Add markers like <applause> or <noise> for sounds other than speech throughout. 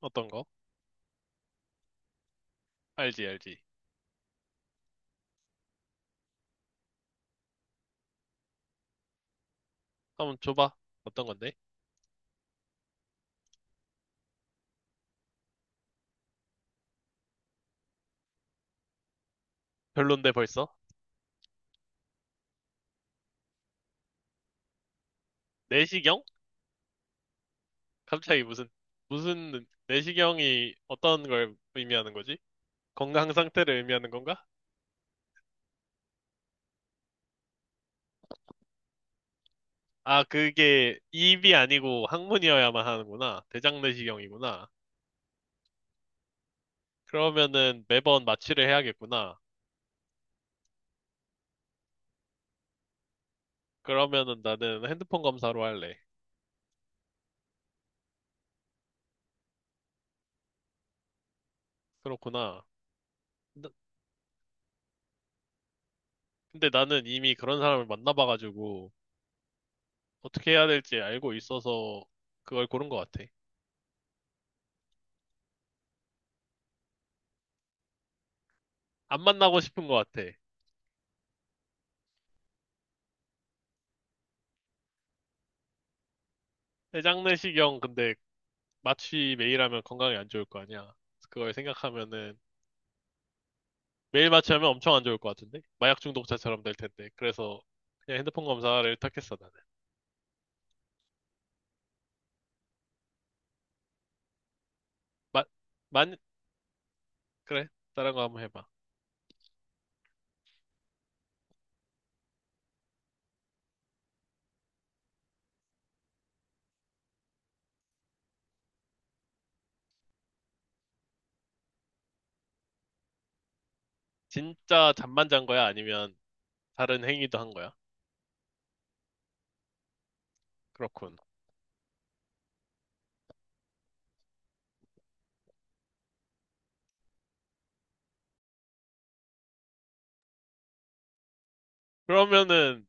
어떤 거? 알지, 알지. 한번 줘봐. 어떤 건데? 별론데 벌써? 내시경? 갑자기 무슨, 내시경이 어떤 걸 의미하는 거지? 건강 상태를 의미하는 건가? 아, 그게 입이 아니고 항문이어야만 하는구나. 대장 내시경이구나. 그러면은 매번 마취를 해야겠구나. 그러면은 나는 핸드폰 검사로 할래. 그렇구나. 나- 근데 나는 이미 그런 사람을 만나봐가지고 어떻게 해야 될지 알고 있어서 그걸 고른 것 같아. 안 만나고 싶은 것 같아. 내장내시경 근데 마취 매일 하면 건강에 안 좋을 거 아니야. 그래서 그걸 생각하면은 매일 마취하면 엄청 안 좋을 것 같은데? 마약 중독자처럼 될 텐데. 그래서 그냥 핸드폰 검사를 택했어 나는. 마, 만, 그래. 다른 거 한번 해봐. 진짜 잠만 잔 거야? 아니면 다른 행위도 한 거야? 그렇군. 그러면은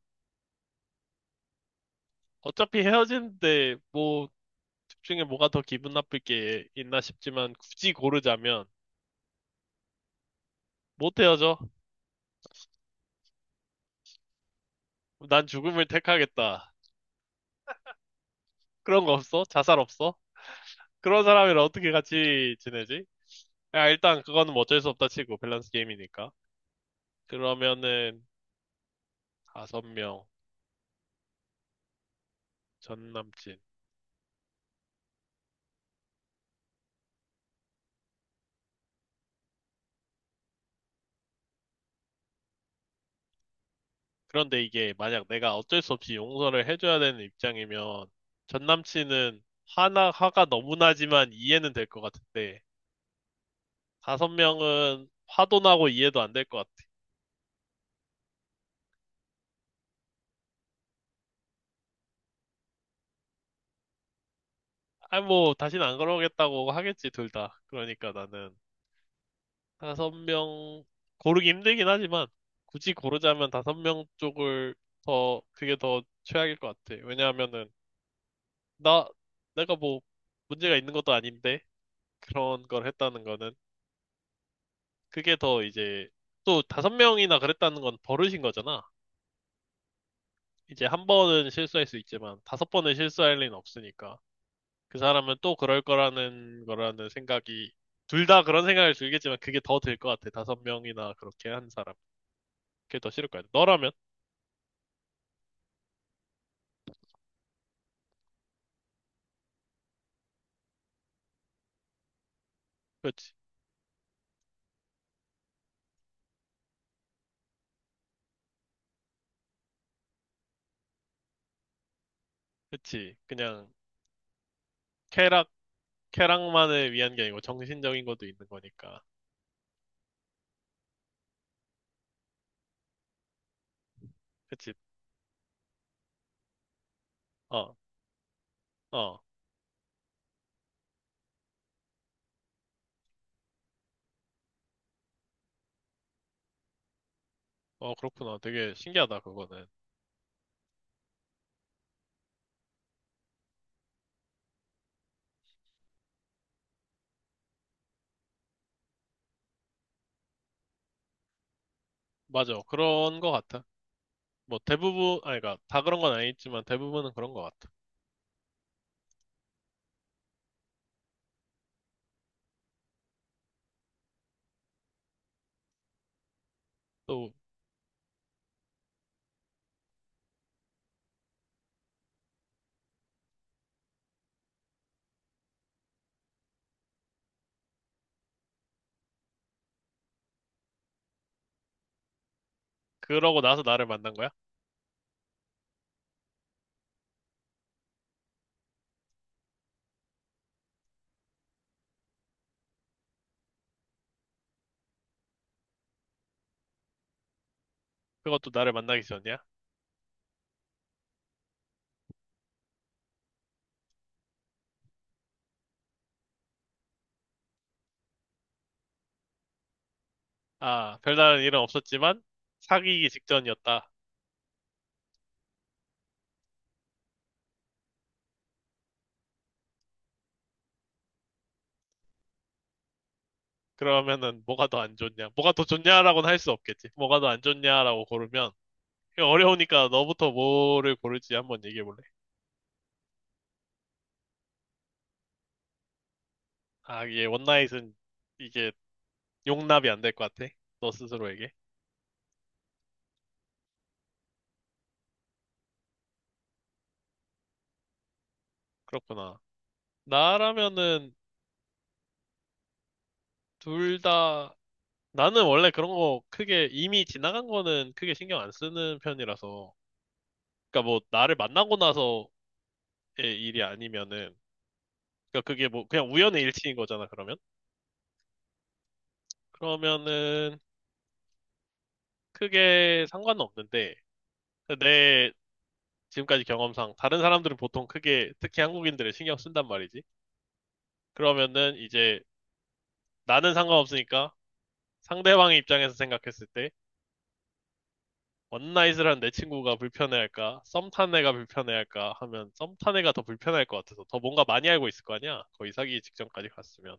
어차피 헤어지는데 뭐 집중에 뭐가 더 기분 나쁠 게 있나 싶지만 굳이 고르자면 못 헤어져. 난 죽음을 택하겠다. 그런 거 없어? 자살 없어? 그런 사람이랑 어떻게 같이 지내지? 야, 일단 그거는 뭐 어쩔 수 없다 치고, 밸런스 게임이니까. 그러면은, 5명, 전 남친. 그런데 이게 만약 내가 어쩔 수 없이 용서를 해줘야 되는 입장이면, 전 남친은 화가 너무 나지만 이해는 될 것 같은데, 5명은 화도 나고 이해도 안 될 것 같아. 아, 뭐, 다시는 안 그러겠다고 하겠지, 둘 다. 그러니까 나는 5명 고르기 힘들긴 하지만 굳이 고르자면 5명 쪽을 더 그게 더 최악일 것 같아. 왜냐하면은 나 내가 뭐 문제가 있는 것도 아닌데 그런 걸 했다는 거는 그게 더 이제 또 5명이나 그랬다는 건 버릇인 거잖아. 이제 한 번은 실수할 수 있지만 5번은 실수할 리는 없으니까 그 사람은 또 그럴 거라는 생각이 둘 다 그런 생각을 들겠지만 그게 더 들 것 같아. 5명이나 그렇게 한 사람. 그게 더 싫을 거야. 너라면? 그렇지. 그치. 그냥 쾌락, 쾌락만을 위한 게 아니고 정신적인 것도 있는 거니까. 그치. 어, 어, 어, 그렇구나. 되게 신기하다, 그거는. 맞아. 그런 거 같아. 뭐 대부분, 아니, 그니까 다 그런 건 아니지만 대부분은 그런 거 같아. 또, 그러고 나서 나를 만난 거야? 그것도 나를 만나기 전이야? 아, 별다른 일은 없었지만 사귀기 직전이었다. 그러면은 뭐가 더 안 좋냐? 뭐가 더 좋냐라고는 할 수 없겠지. 뭐가 더 안 좋냐라고 고르면 이거 어려우니까 너부터 뭐를 고를지 한번 얘기해 볼래? 아, 이게 원나잇은 이게 용납이 안 될 것 같아. 너 스스로에게. 그렇구나. 나라면은 둘 다, 나는 원래 그런 거 크게 이미 지나간 거는 크게 신경 안 쓰는 편이라서. 그러니까 뭐 나를 만나고 나서의 일이 아니면은, 그러니까 그게 뭐 그냥 우연의 일치인 거잖아, 그러면. 그러면은 크게 상관은 없는데, 내 지금까지 경험상 다른 사람들은 보통 크게 특히 한국인들을 신경 쓴단 말이지. 그러면은 이제 나는 상관없으니까 상대방의 입장에서 생각했을 때 원나잇을 한 내 친구가 불편해할까, 썸탄 애가 불편해할까 하면 썸탄 애가 더 불편할 것 같아서 더 뭔가 많이 알고 있을 거 아니야? 거의 사귀기 직전까지 갔으면.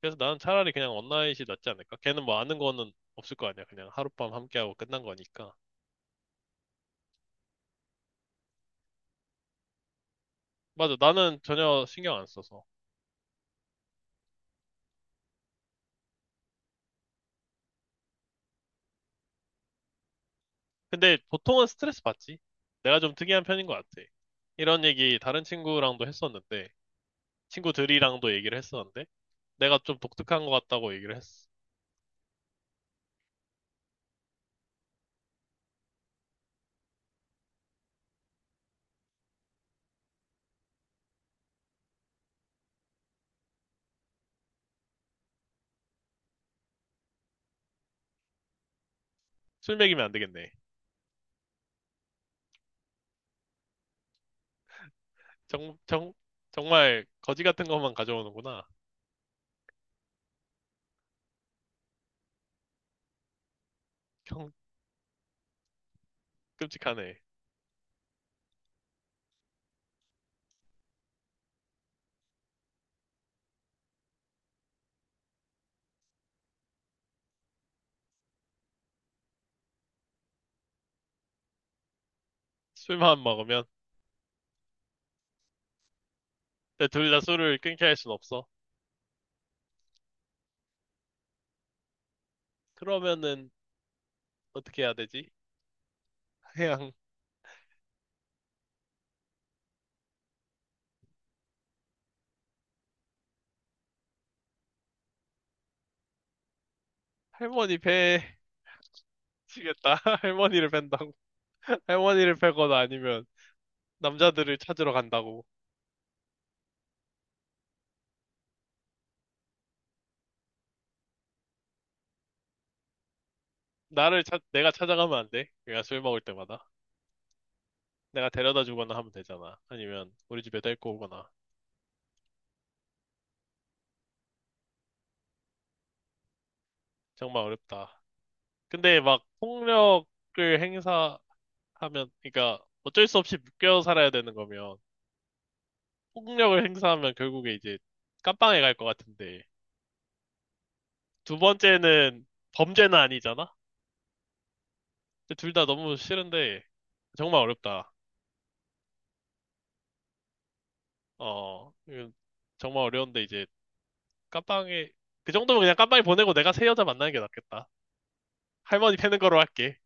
그래서 나는 차라리 그냥 원나잇이 낫지 않을까? 걔는 뭐 아는 거는 없을 거 아니야. 그냥 하룻밤 함께하고 끝난 거니까. 맞아, 나는 전혀 신경 안 써서. 근데 보통은 스트레스 받지. 내가 좀 특이한 편인 것 같아. 이런 얘기 다른 친구랑도 했었는데, 친구들이랑도 얘기를 했었는데, 내가 좀 독특한 것 같다고 얘기를 했어. 술 먹이면 안 되겠네. 정, 정, 정말 거지 같은 것만 가져오는구나. 형, 끔찍하네. 술만 먹으면. 근데 둘 다 술을 끊게 할 순 없어. 그러면은 어떻게 해야 되지? 그냥 할머니 배 치겠다. <laughs> 할머니를 뺀다고. <laughs> 할머니를 빼거나 아니면 남자들을 찾으러 간다고. 내가 찾아가면 안 돼. 그냥 술 먹을 때마다. 내가 데려다 주거나 하면 되잖아. 아니면 우리 집에 데리고 오거나. 정말 어렵다. 근데 막 폭력을 행사, 하면, 그러니까 어쩔 수 없이 묶여 살아야 되는 거면 폭력을 행사하면 결국에 이제 깜빵에 갈 것 같은데 두 번째는 범죄는 아니잖아? 둘 다 너무 싫은데 정말 어렵다. 어, 이건 정말 어려운데 이제 깜빵에 그 정도면 그냥 깜빵에 보내고 내가 새 여자 만나는 게 낫겠다. 할머니 패는 거로 할게.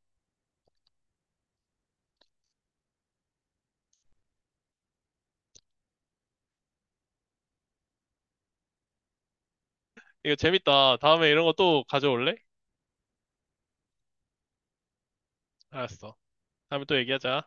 이거 재밌다. 다음에 이런 거 또 가져올래? 알았어. 다음에 또 얘기하자.